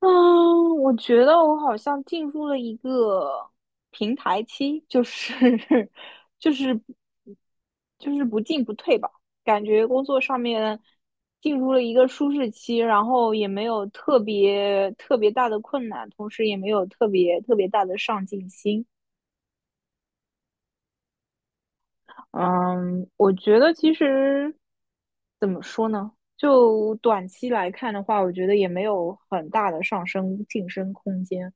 嗯，我觉得我好像进入了一个平台期，就是 就是就是不进不退吧，感觉工作上面进入了一个舒适期，然后也没有特别特别大的困难，同时也没有特别特别大的上进心。嗯，我觉得其实怎么说呢？就短期来看的话，我觉得也没有很大的上升晋升空间。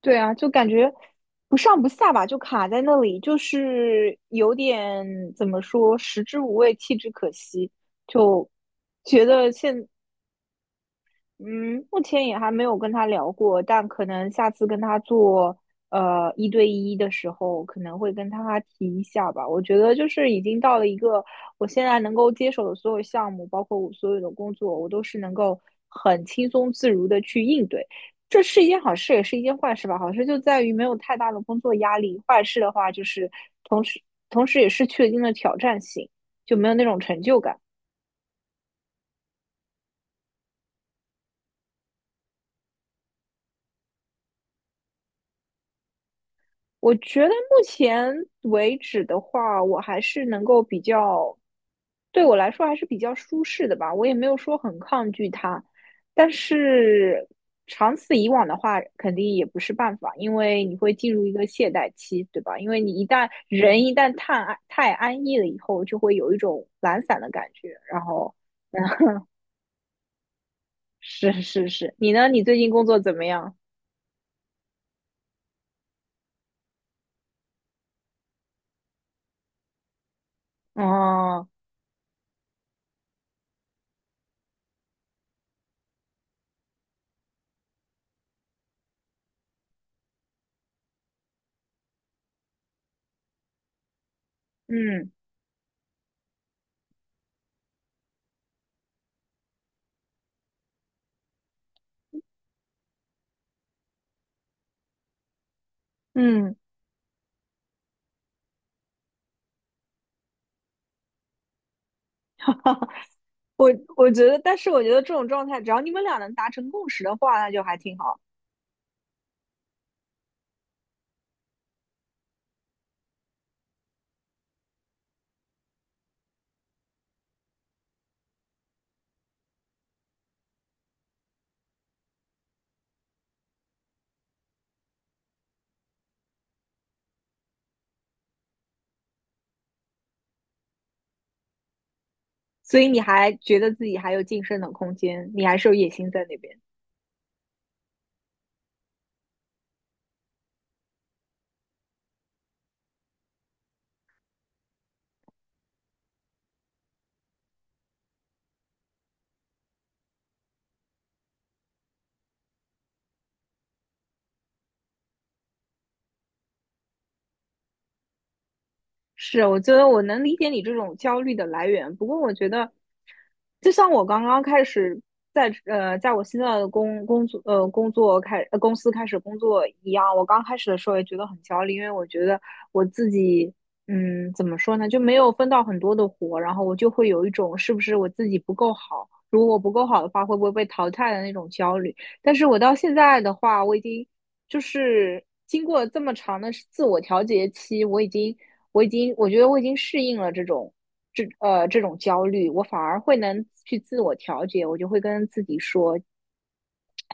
对啊，就感觉不上不下吧，就卡在那里，就是有点怎么说，食之无味，弃之可惜。就觉得现嗯，目前也还没有跟他聊过，但可能下次跟他做一对一的时候，可能会跟他提一下吧。我觉得就是已经到了一个我现在能够接手的所有项目，包括我所有的工作，我都是能够很轻松自如的去应对。这是一件好事，也是一件坏事吧。好事就在于没有太大的工作压力，坏事的话就是同时同时也是确定了挑战性，就没有那种成就感。我觉得目前为止的话，我还是能够比较，对我来说还是比较舒适的吧。我也没有说很抗拒它，但是长此以往的话，肯定也不是办法，因为你会进入一个懈怠期，对吧？因为你一旦人一旦太安逸了以后，就会有一种懒散的感觉。然后是是是，你呢？你最近工作怎么样？哦，嗯嗯。我我觉得，但是我觉得这种状态，只要你们俩能达成共识的话，那就还挺好。所以你还觉得自己还有晋升的空间，你还是有野心在那边。是，我觉得我能理解你这种焦虑的来源。不过，我觉得，就像我刚刚开始在我现在的工工作呃工作开呃公司开始工作一样，我刚开始的时候也觉得很焦虑，因为我觉得我自己怎么说呢，就没有分到很多的活，然后我就会有一种是不是我自己不够好，如果我不够好的话，会不会被淘汰的那种焦虑。但是我到现在的话，我已经就是经过这么长的自我调节期，我觉得我已经适应了这种焦虑，我反而会能去自我调节，我就会跟自己说，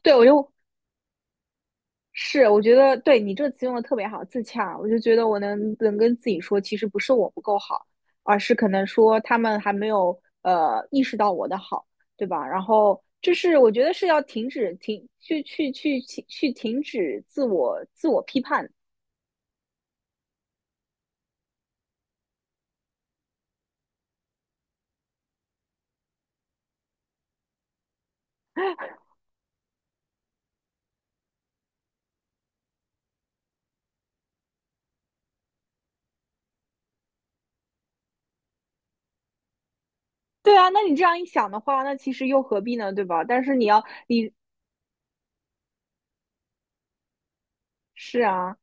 对。我就是我觉得对你这个词用的特别好，自洽，我就觉得我能跟自己说，其实不是我不够好，而是可能说他们还没有意识到我的好，对吧？然后。就是我觉得是要停止停去去去去去停止自我批判，对啊，那你这样一想的话，那其实又何必呢，对吧？但是你要你是啊，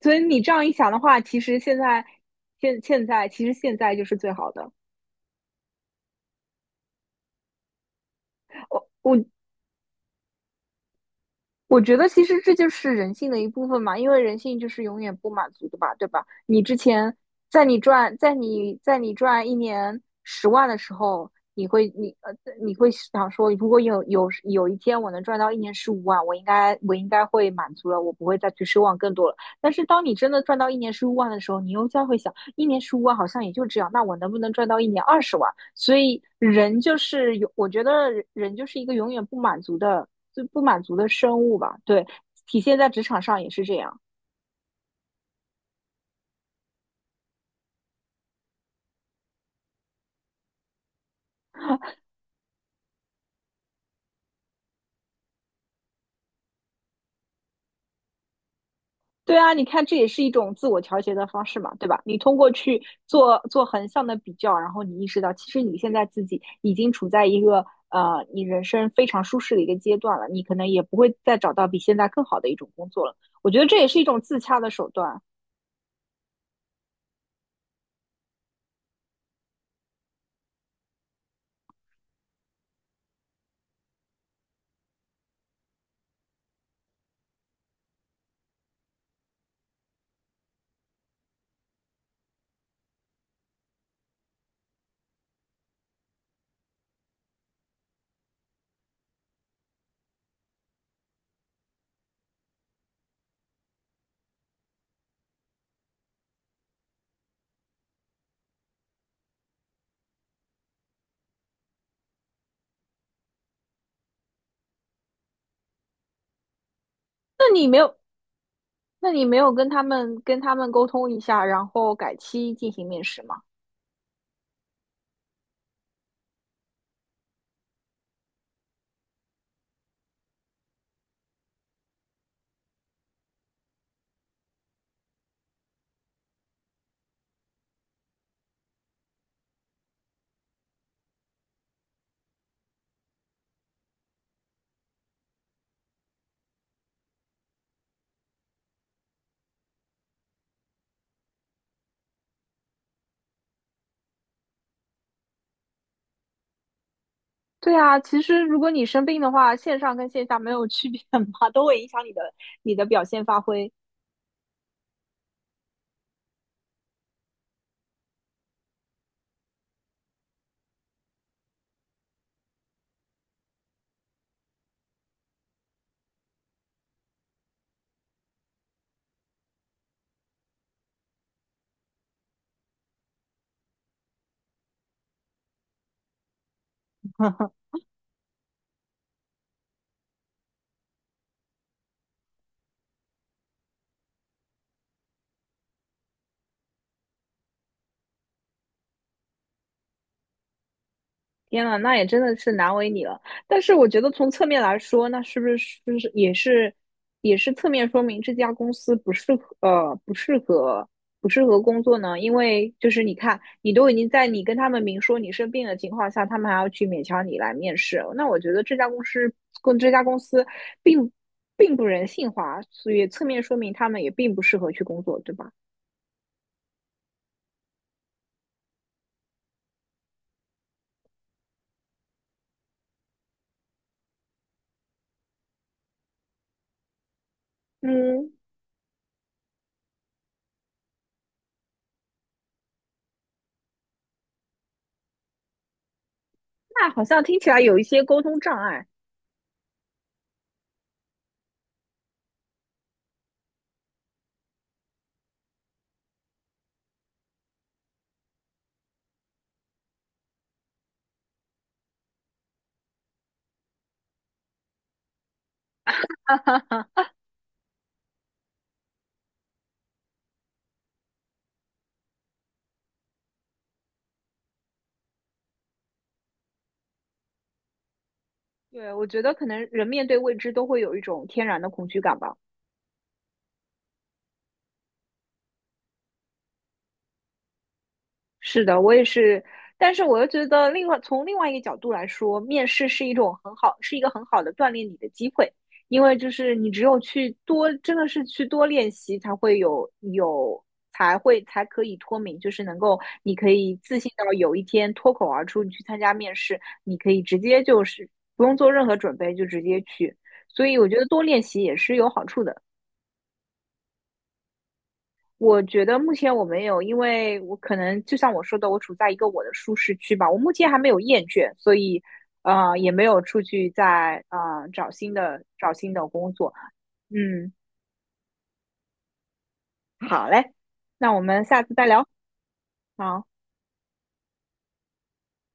所以你这样一想的话，其实现在现现在其实现在就是最好的。我我觉得其实这就是人性的一部分嘛，因为人性就是永远不满足的吧，对吧？你之前在你赚一年十万的时候，你会想说，如果有一天我能赚到一年十五万，我应该会满足了，我不会再去奢望更多了。但是当你真的赚到一年十五万的时候，你又将会想，一年十五万好像也就这样，那我能不能赚到一年20万？所以人就是有，我觉得人就是一个永远不满足的，就不满足的生物吧。对，体现在职场上也是这样。对啊，你看这也是一种自我调节的方式嘛，对吧？你通过去做做横向的比较，然后你意识到，其实你现在自己已经处在一个你人生非常舒适的一个阶段了，你可能也不会再找到比现在更好的一种工作了。我觉得这也是一种自洽的手段。那你没有，那你没有跟他们沟通一下，然后改期进行面试吗？对啊，其实如果你生病的话，线上跟线下没有区别嘛，都会影响你的表现发挥。天呐，那也真的是难为你了。但是我觉得从侧面来说，那是不是也是侧面说明这家公司不适合工作呢？因为就是你看，你都已经在你跟他们明说你生病的情况下，他们还要去勉强你来面试，那我觉得这家公司并并不人性化，所以侧面说明他们也并不适合去工作，对吧？嗯，那好像听起来有一些沟通障碍。对，我觉得可能人面对未知都会有一种天然的恐惧感吧。是的，我也是，但是我又觉得另外从另外一个角度来说，面试是一种很好，是一个很好的锻炼你的机会，因为就是你只有去多，真的是去多练习，才会有有才会才可以脱敏，就是能够你可以自信到有一天脱口而出，你去参加面试，你可以直接就是不用做任何准备就直接去，所以我觉得多练习也是有好处的。我觉得目前我没有，因为我可能就像我说的，我处在一个我的舒适区吧。我目前还没有厌倦，所以啊，也没有出去再找新的工作。嗯，好嘞，那我们下次再聊。好。